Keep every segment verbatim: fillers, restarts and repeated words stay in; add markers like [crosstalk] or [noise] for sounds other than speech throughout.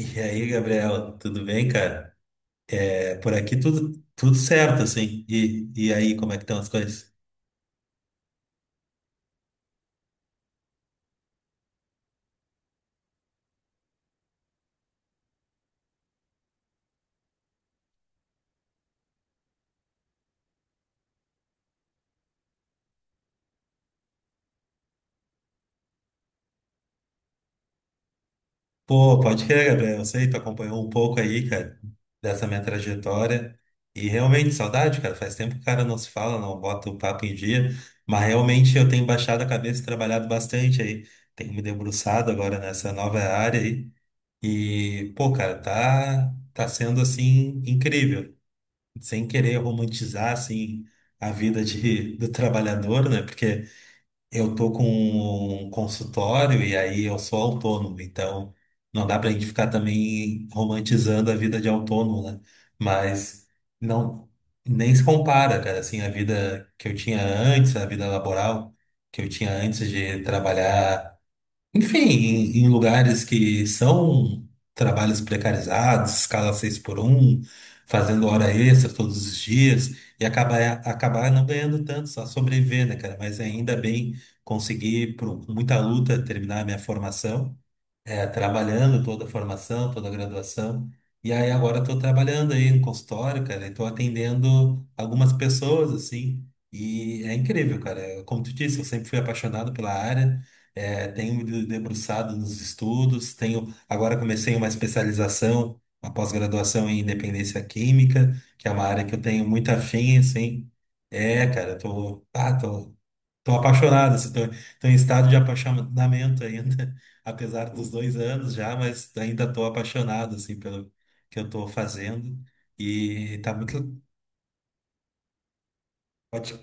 E aí, Gabriel, tudo bem, cara? É, por aqui tudo, tudo certo, assim. E, e aí, como é que estão as coisas? Pô, pode crer, Gabriel. Eu sei, tu acompanhou um pouco aí, cara, dessa minha trajetória. E realmente, saudade, cara. Faz tempo que o cara não se fala, não bota o papo em dia. Mas realmente eu tenho baixado a cabeça e trabalhado bastante aí. Tenho me debruçado agora nessa nova área aí. E, pô, cara, tá, tá sendo, assim, incrível. Sem querer romantizar assim a vida de, [laughs] do trabalhador, né? Porque eu tô com um consultório e aí eu sou autônomo, então não dá pra gente ficar também romantizando a vida de autônomo, né? Mas não nem se compara, cara, assim a vida que eu tinha antes, a vida laboral que eu tinha antes de trabalhar enfim, em, em lugares que são trabalhos precarizados, escala seis por um fazendo hora extra todos os dias, e acabar, acabar não ganhando tanto, só sobreviver, né, cara? Mas ainda bem conseguir, por muita luta, terminar a minha formação é, trabalhando toda a formação, toda a graduação. E aí agora estou trabalhando aí no consultório, cara, e estou atendendo algumas pessoas, assim, e é incrível, cara. Como tu disse, eu sempre fui apaixonado pela área, é, tenho me de- debruçado nos estudos, tenho agora comecei uma especialização, uma pós-graduação em independência química, que é uma área que eu tenho muito afim, assim. É, cara, eu tô, ah, estão apaixonados, estão em estado de apaixonamento ainda, [laughs] apesar dos dois anos já, mas ainda estou apaixonado assim pelo que eu estou fazendo e tá muito ótimo.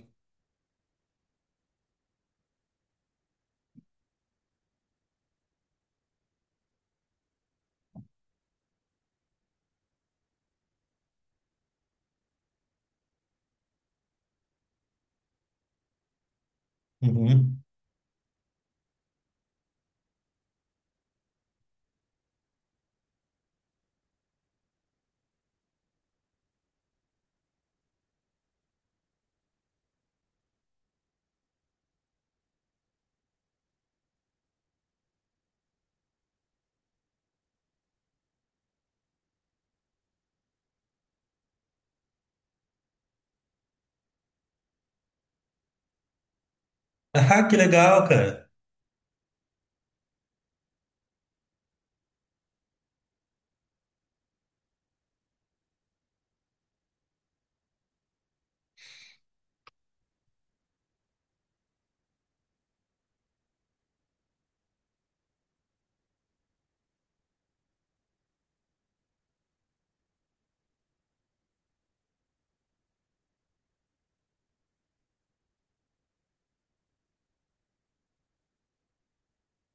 Uhum. [laughs] Ah, que legal, cara!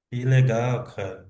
Que legal, cara!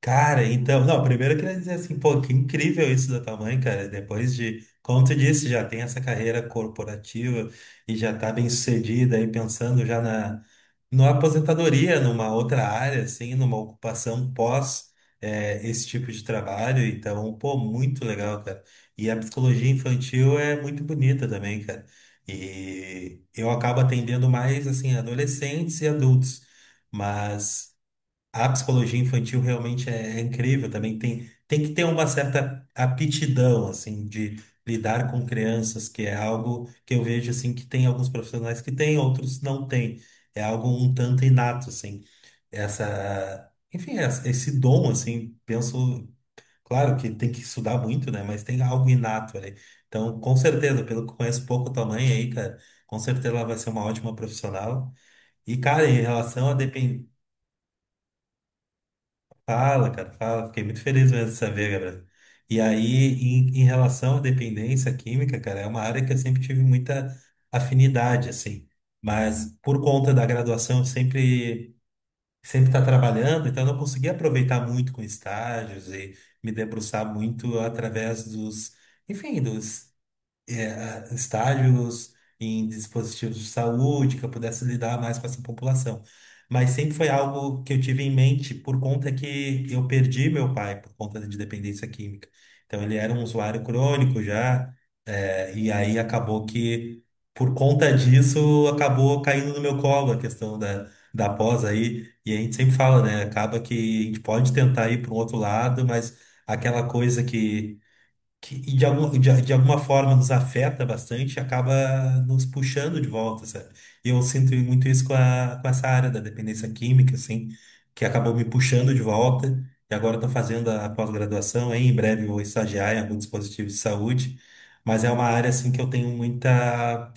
Cara, então, não, primeiro eu queria dizer assim, pô, que incrível isso da tua mãe, cara. Depois de, como tu disse, já tem essa carreira corporativa e já tá bem sucedida aí pensando já na, na aposentadoria, numa outra área, assim, numa ocupação pós eh, esse tipo de trabalho. Então, pô, muito legal, cara. E a psicologia infantil é muito bonita também, cara. E eu acabo atendendo mais, assim, adolescentes e adultos. Mas. A psicologia infantil realmente é, é incrível também. Tem, tem que ter uma certa aptidão, assim, de lidar com crianças, que é algo que eu vejo, assim, que tem alguns profissionais que têm, outros não têm. É algo um tanto inato, assim. Essa, enfim, essa- esse dom, assim, penso, claro que tem que estudar muito, né? Mas tem algo inato ali. Então, com certeza, pelo que conheço pouco tua mãe aí, cara, com certeza ela vai ser uma ótima profissional. E, cara, em relação a depender. Fala, cara, fala. Fiquei muito feliz mesmo de saber, Gabriel. E aí, em, em relação à dependência química, cara, é uma área que eu sempre tive muita afinidade, assim. Mas por conta da graduação, eu sempre sempre tá trabalhando, então eu não consegui aproveitar muito com estágios e me debruçar muito através dos, enfim, dos é, a- estágios em dispositivos de saúde, que eu pudesse lidar mais com essa população. Mas sempre foi algo que eu tive em mente por conta que eu perdi meu pai por conta de dependência química. Então ele era um usuário crônico já, é, e aí acabou que por conta disso acabou caindo no meu colo a questão da da pós aí. E a gente sempre fala, né? Acaba que a gente pode tentar ir para um outro lado, mas aquela coisa que que- e de, algum, de, de alguma forma nos afeta bastante, acaba nos puxando de volta, sabe? E eu sinto muito isso com, a, com essa área da dependência química, assim, que acabou me puxando de volta, e agora estou fazendo a pós-graduação, hein? Em breve vou estagiar em algum dispositivo de saúde, mas é uma área, assim, que eu tenho muita,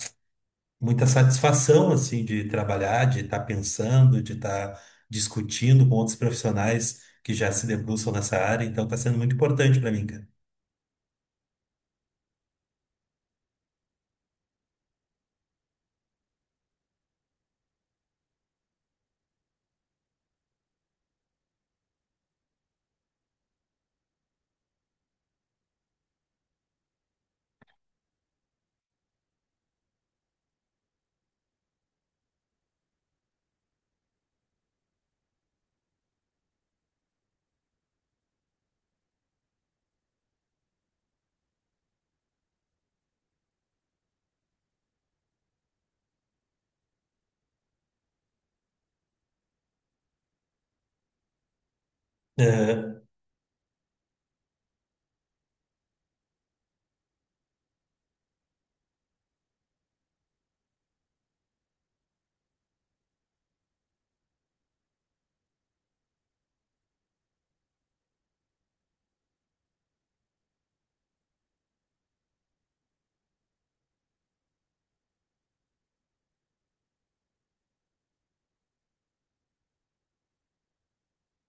muita satisfação, assim, de trabalhar, de estar pensando, de estar discutindo com outros profissionais que já se debruçam nessa área, então está sendo muito importante para mim, cara.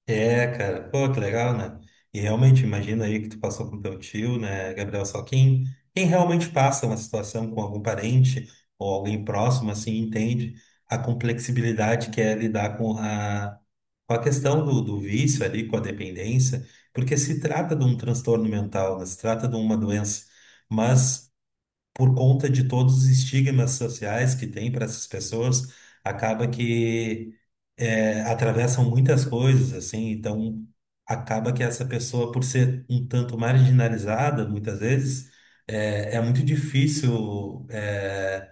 É, cara, pô, que legal, né? E realmente, imagina aí que tu passou com teu tio, né, Gabriel? Só quem, quem realmente passa uma situação com algum parente ou alguém próximo, assim, entende a complexibilidade que é lidar com a, com a questão do, do vício ali, com a dependência, porque se trata de um transtorno mental, né? Se trata de uma doença. Mas por conta de todos os estigmas sociais que tem para essas pessoas, acaba que é, atravessam muitas coisas, assim, então acaba que essa pessoa, por ser um tanto marginalizada, muitas vezes, é, é muito difícil. eh,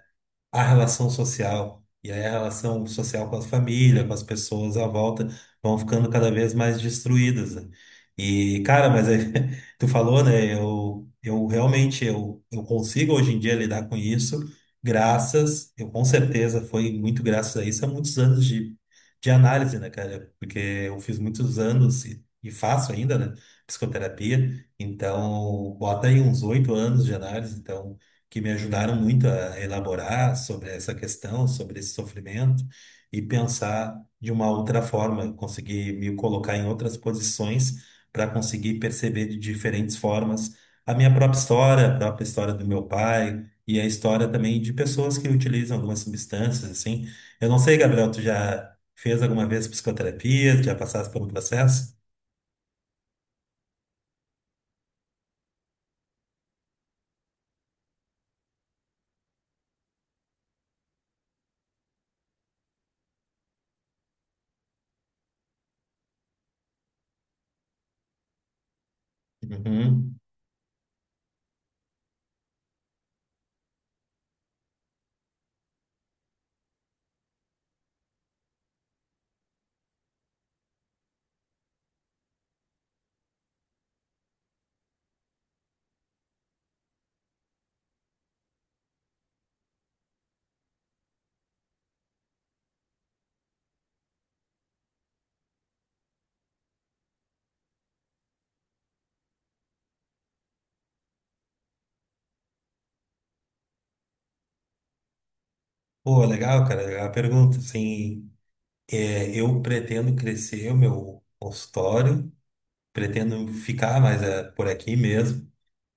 A relação social. E aí a relação social com a família, com as pessoas à volta, vão ficando cada vez mais destruídas, né? E, cara, mas aí, [laughs] tu falou, né? Eu, eu realmente eu, eu consigo hoje em dia lidar com isso, graças, eu com certeza foi muito graças a isso, há muitos anos de, de análise, né, cara? Porque eu fiz muitos anos e, e faço ainda, né? Psicoterapia. Então, bota aí uns oito anos de análise, então que me ajudaram muito a elaborar sobre essa questão, sobre esse sofrimento e pensar de uma outra forma, conseguir me colocar em outras posições para conseguir perceber de diferentes formas a minha própria história, a própria história do meu pai e a história também de pessoas que utilizam algumas substâncias, assim. Eu não sei, Gabriel, tu já fez alguma vez psicoterapia, já passaste por um processo? Uhum. Pô, legal, cara, legal a pergunta, assim. É, eu pretendo crescer o meu consultório, pretendo ficar mais é, por aqui mesmo.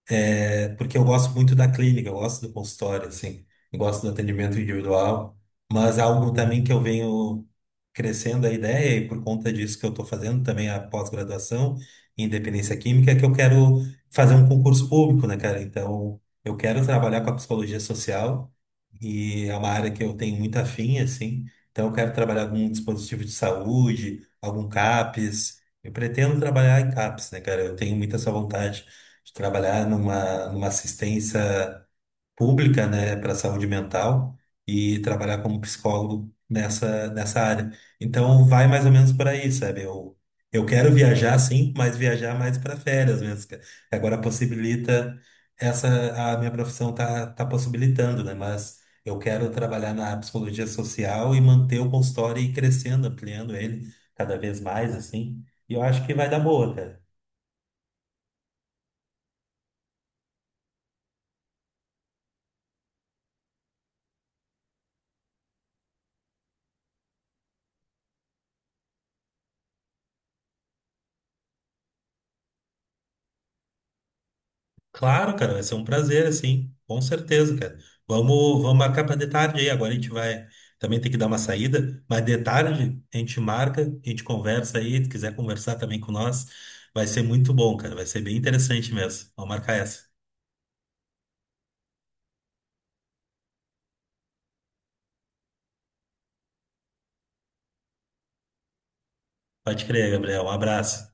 É porque eu gosto muito da clínica, eu gosto do consultório, assim, eu gosto do atendimento individual, mas é algo também que eu venho crescendo a ideia, e por conta disso que eu estou fazendo também a pós-graduação em dependência química, é que eu quero fazer um concurso público, né, cara? Então, eu quero trabalhar com a psicologia social, e é uma área que eu tenho muito afim, assim, então eu quero trabalhar com um dispositivo de saúde, algum CAPS, eu pretendo trabalhar em CAPS, né, cara? Eu tenho muita essa vontade de trabalhar numa, numa assistência pública, né, para saúde mental e trabalhar como psicólogo nessa, nessa área. Então, vai mais ou menos por aí, sabe? Eu, eu quero viajar, sim, mas viajar mais para férias mesmo. Que agora possibilita, essa, a minha profissão tá, tá possibilitando, né? Mas eu quero trabalhar na psicologia social e manter o consultório e ir crescendo, ampliando ele cada vez mais, assim. E eu acho que vai dar boa, cara. Claro, cara, vai ser um prazer, assim, com certeza, cara. Vamos, vamos marcar para de tarde aí. Agora a gente vai também ter que dar uma saída, mas de tarde a gente marca, a gente conversa aí. Se quiser conversar também com nós, vai ser muito bom, cara. Vai ser bem interessante mesmo. Vamos marcar essa. Pode crer, Gabriel. Um abraço.